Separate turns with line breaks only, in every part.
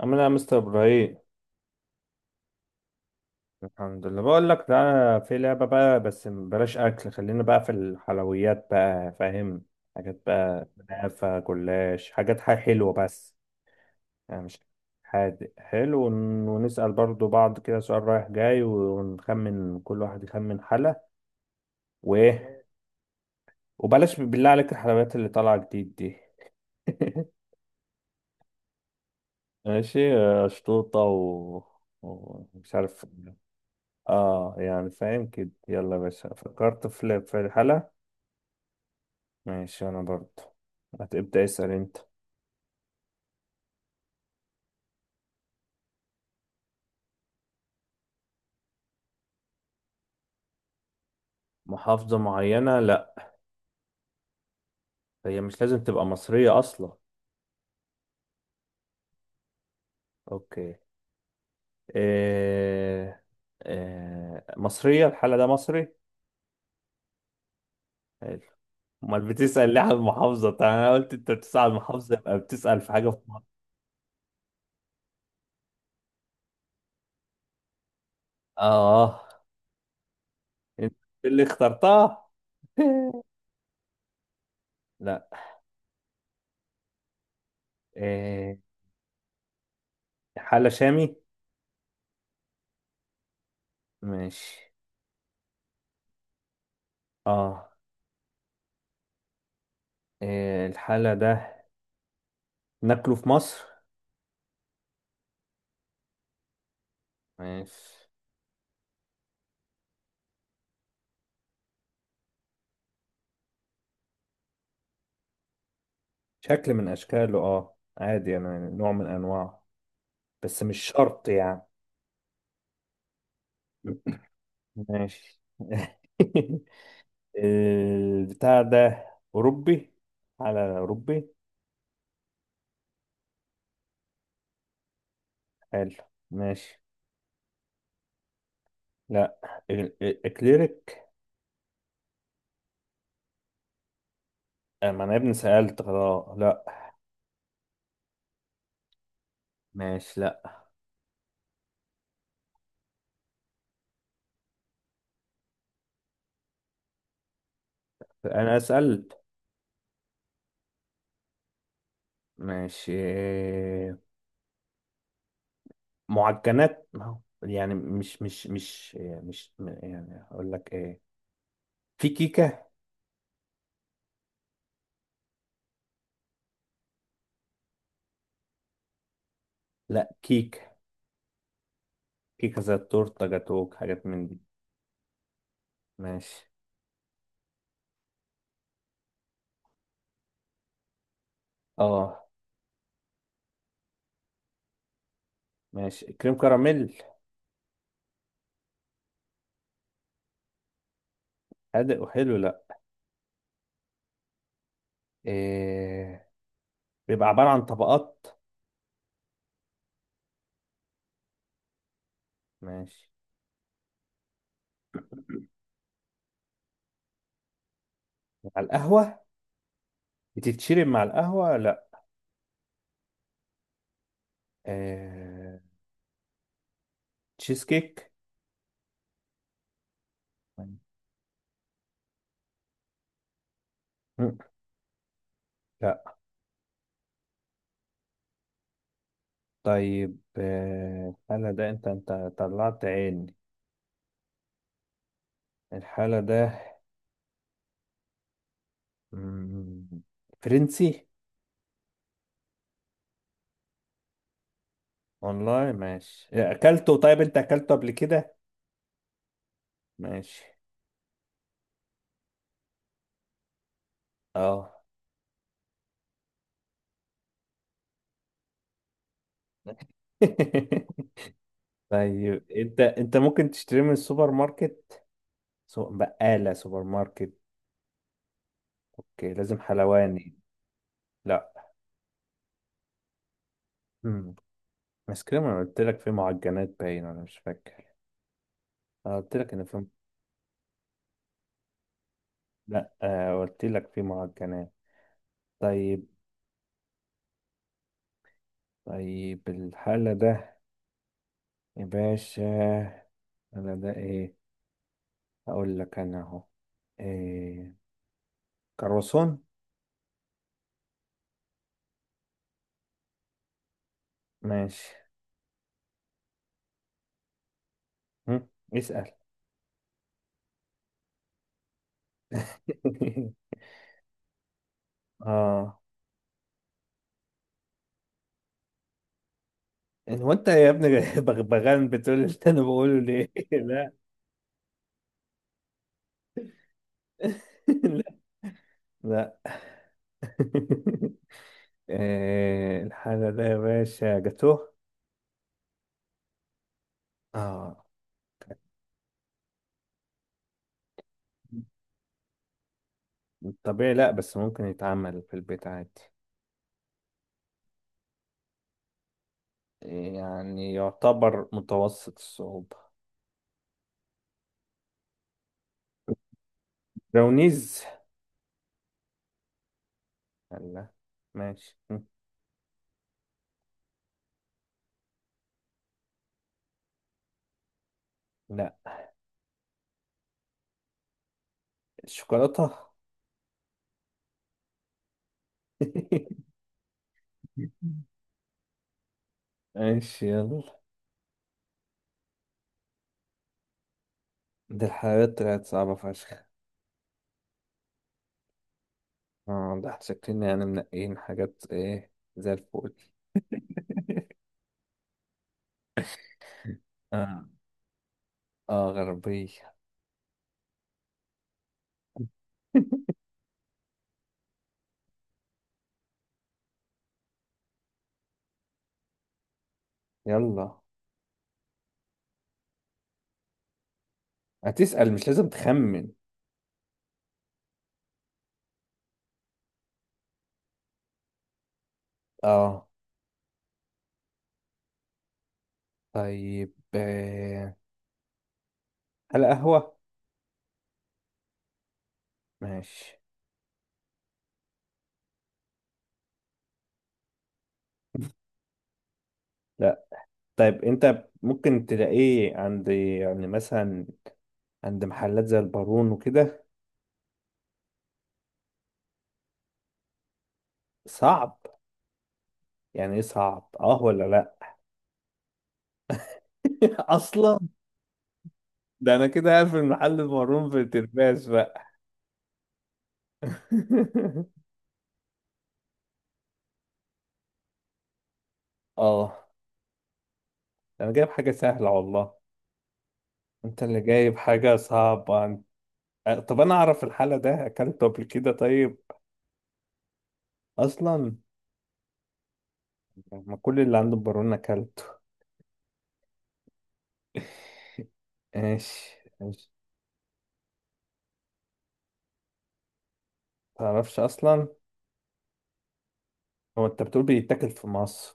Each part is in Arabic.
عامل ايه يا مستر ابراهيم؟ الحمد لله. بقول لك تعالى في لعبه بقى، بس بلاش اكل، خلينا بقى في الحلويات بقى، فاهم؟ حاجات بقى كنافه جلاش، حاجات، حاجة حلوه بس، يعني مش حادق حلو. ونسال برضو بعض كده سؤال رايح جاي، ونخمن، كل واحد يخمن حلا وايه. وبلاش بالله عليك الحلويات اللي طالعه جديد دي. ماشي آه، شطوطه ومش عارف. اه يعني فاهم كده، يلا يا باشا، فكرت في الحالة. ماشي، انا برضو. هتبدأ اسأل انت. محافظة معينة؟ لا، هي مش لازم تبقى مصرية اصلا. اوكي. إيه... مصرية الحالة ده؟ مصري. حلو. امال بتسأل ليه على المحافظة؟ طيب انا قلت انت بتسأل على المحافظة، يبقى بتسأل في حاجة في مصر. اه. انت اللي اخترتها. لا. إيه... حالة شامي؟ ماشي. اه. إيه الحالة ده؟ ناكله في مصر؟ ماشي. شكل من اشكاله اه، عادي يعني، نوع من انواع، بس مش شرط يعني. ماشي. البتاع ده أوروبي؟ على أوروبي. حلو. ماشي. لا. إكليريك. آه، ما أنا يا ابني سألت خلاص، لا. ماشي. لا أنا سألت. ماشي آه، معجنات ما هو. يعني مش آه، مش م- يعني أقول لك إيه، في كيكة. لا، كيكة، كيكه، تورته، جاتوك، حاجات من دي. ماشي. اه. ماشي. كريم كراميل؟ حادق وحلو؟ لا. إيه. بيبقى عبارة عن طبقات؟ ماشي. مع القهوة؟ بتتشرب مع القهوة؟ لا. إيه. تشيز كيك؟ مم. لا. طيب آه، الحالة ده انت طلعت عيني. الحالة ده مم، فرنسي. والله ماشي اكلته؟ طيب انت اكلته قبل كده؟ ماشي. اه. طيب انت ممكن تشتري من السوبر ماركت؟ بقالة سوبر ماركت. اوكي، لازم حلواني. لا. امم. بس كده، ما قلت لك في معجنات، باين انا مش فاكر. انا قلت لك ان في. لا آه، قلت لك في معجنات. طيب. طيب الحالة ده يا باشا انا ده ايه؟ اقول لك انا اهو. إيه، كروسون. ماشي. هم؟ اسأل. اه. هو انت يا ابني بغبغان، بتقول اللي انا بقوله ليه؟ لا. لا. لا. آه، الحالة ده يا باشا جاتوه. اه. طبيعي، لا بس ممكن يتعمل في البيت عادي. يعني يعتبر متوسط الصعوبة. براونيز؟ لا. ماشي. لا. الشوكولاتة. ماشي يلا. دي الحاجات طلعت صعبة فشخ. اه، ده احنا شكلنا يعني منقيين حاجات ايه زي الفل. اه، اه غربية. يلا. هتسأل، مش لازم تخمن. اه. طيب آه، هل قهوة؟ ماشي. لا. طيب انت ممكن تلاقيه عند يعني مثلا عند محلات زي البارون وكده؟ صعب. يعني ايه صعب؟ اه ولا لا؟ اصلا. ده انا كده قاعد في محل البارون في الترباس بقى. اه، انا جايب حاجة سهلة والله. انت اللي جايب حاجة صعبة آه، طب انا اعرف الحالة ده، اكلته قبل كده؟ طيب اصلا ما كل اللي عنده البارونة كلته. ماشي ماشي. متعرفش أصلا. هو أنت بتقول بيتاكل في مصر.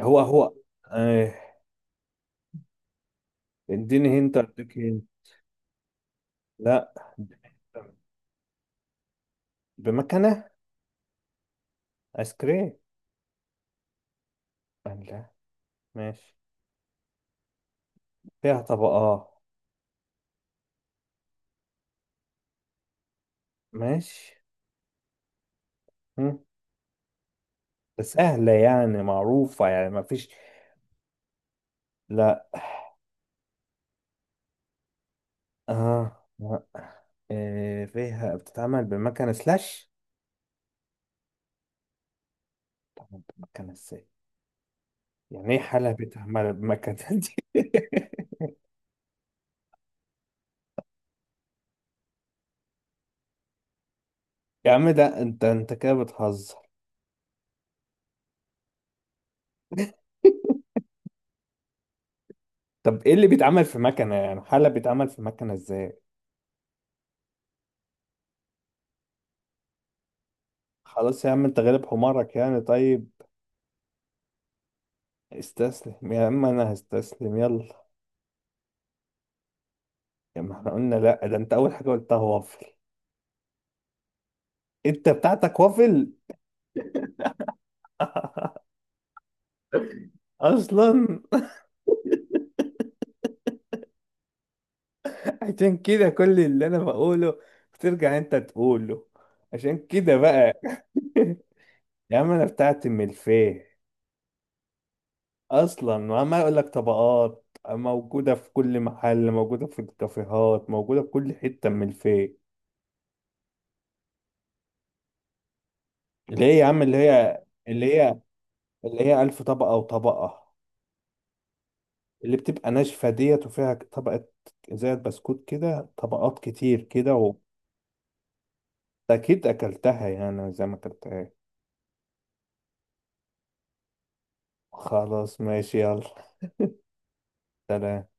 هو آه. اديني هنت اديك هنت. لا. بمكنة. آيس كريم؟ لا. ماشي. فيها طبقات. ماشي. مم. بس سهلة يعني، معروفة يعني، ما فيش. لا. اه لا. آه. فيها، بتتعمل بمكنة سلاش. بتتعمل بمكنة ازاي؟ يعني ايه حالة بتعمل بمكنة دي؟ يا عم ده انت كده بتهزر. طب ايه اللي بيتعمل في مكنة يعني؟ حلة بيتعمل في مكنة ازاي؟ خلاص يا عم، انت غالب حمارك، يعني طيب استسلم يا عم، انا هستسلم يلا. يا ما احنا قلنا لا، ده انت اول حاجة قلتها وافل. انت بتاعتك وافل. اصلا. عشان كده كل اللي انا بقوله بترجع انت تقوله. عشان كده بقى. يا عم انا بتاعتي ملفيه. اصلا، وعمال اقول لك طبقات، موجوده في كل محل، موجوده في الكافيهات، موجوده في كل حته من الفيك. اللي هي يا عم، اللي هي، اللي هي، اللي هي الف طبقه وطبقه، اللي بتبقى ناشفه ديت وفيها طبقه زي البسكوت كده، طبقات كتير كده أكيد اكلتها يعني، زي ما اكلتها. خلاص ماشي يلا، سلام.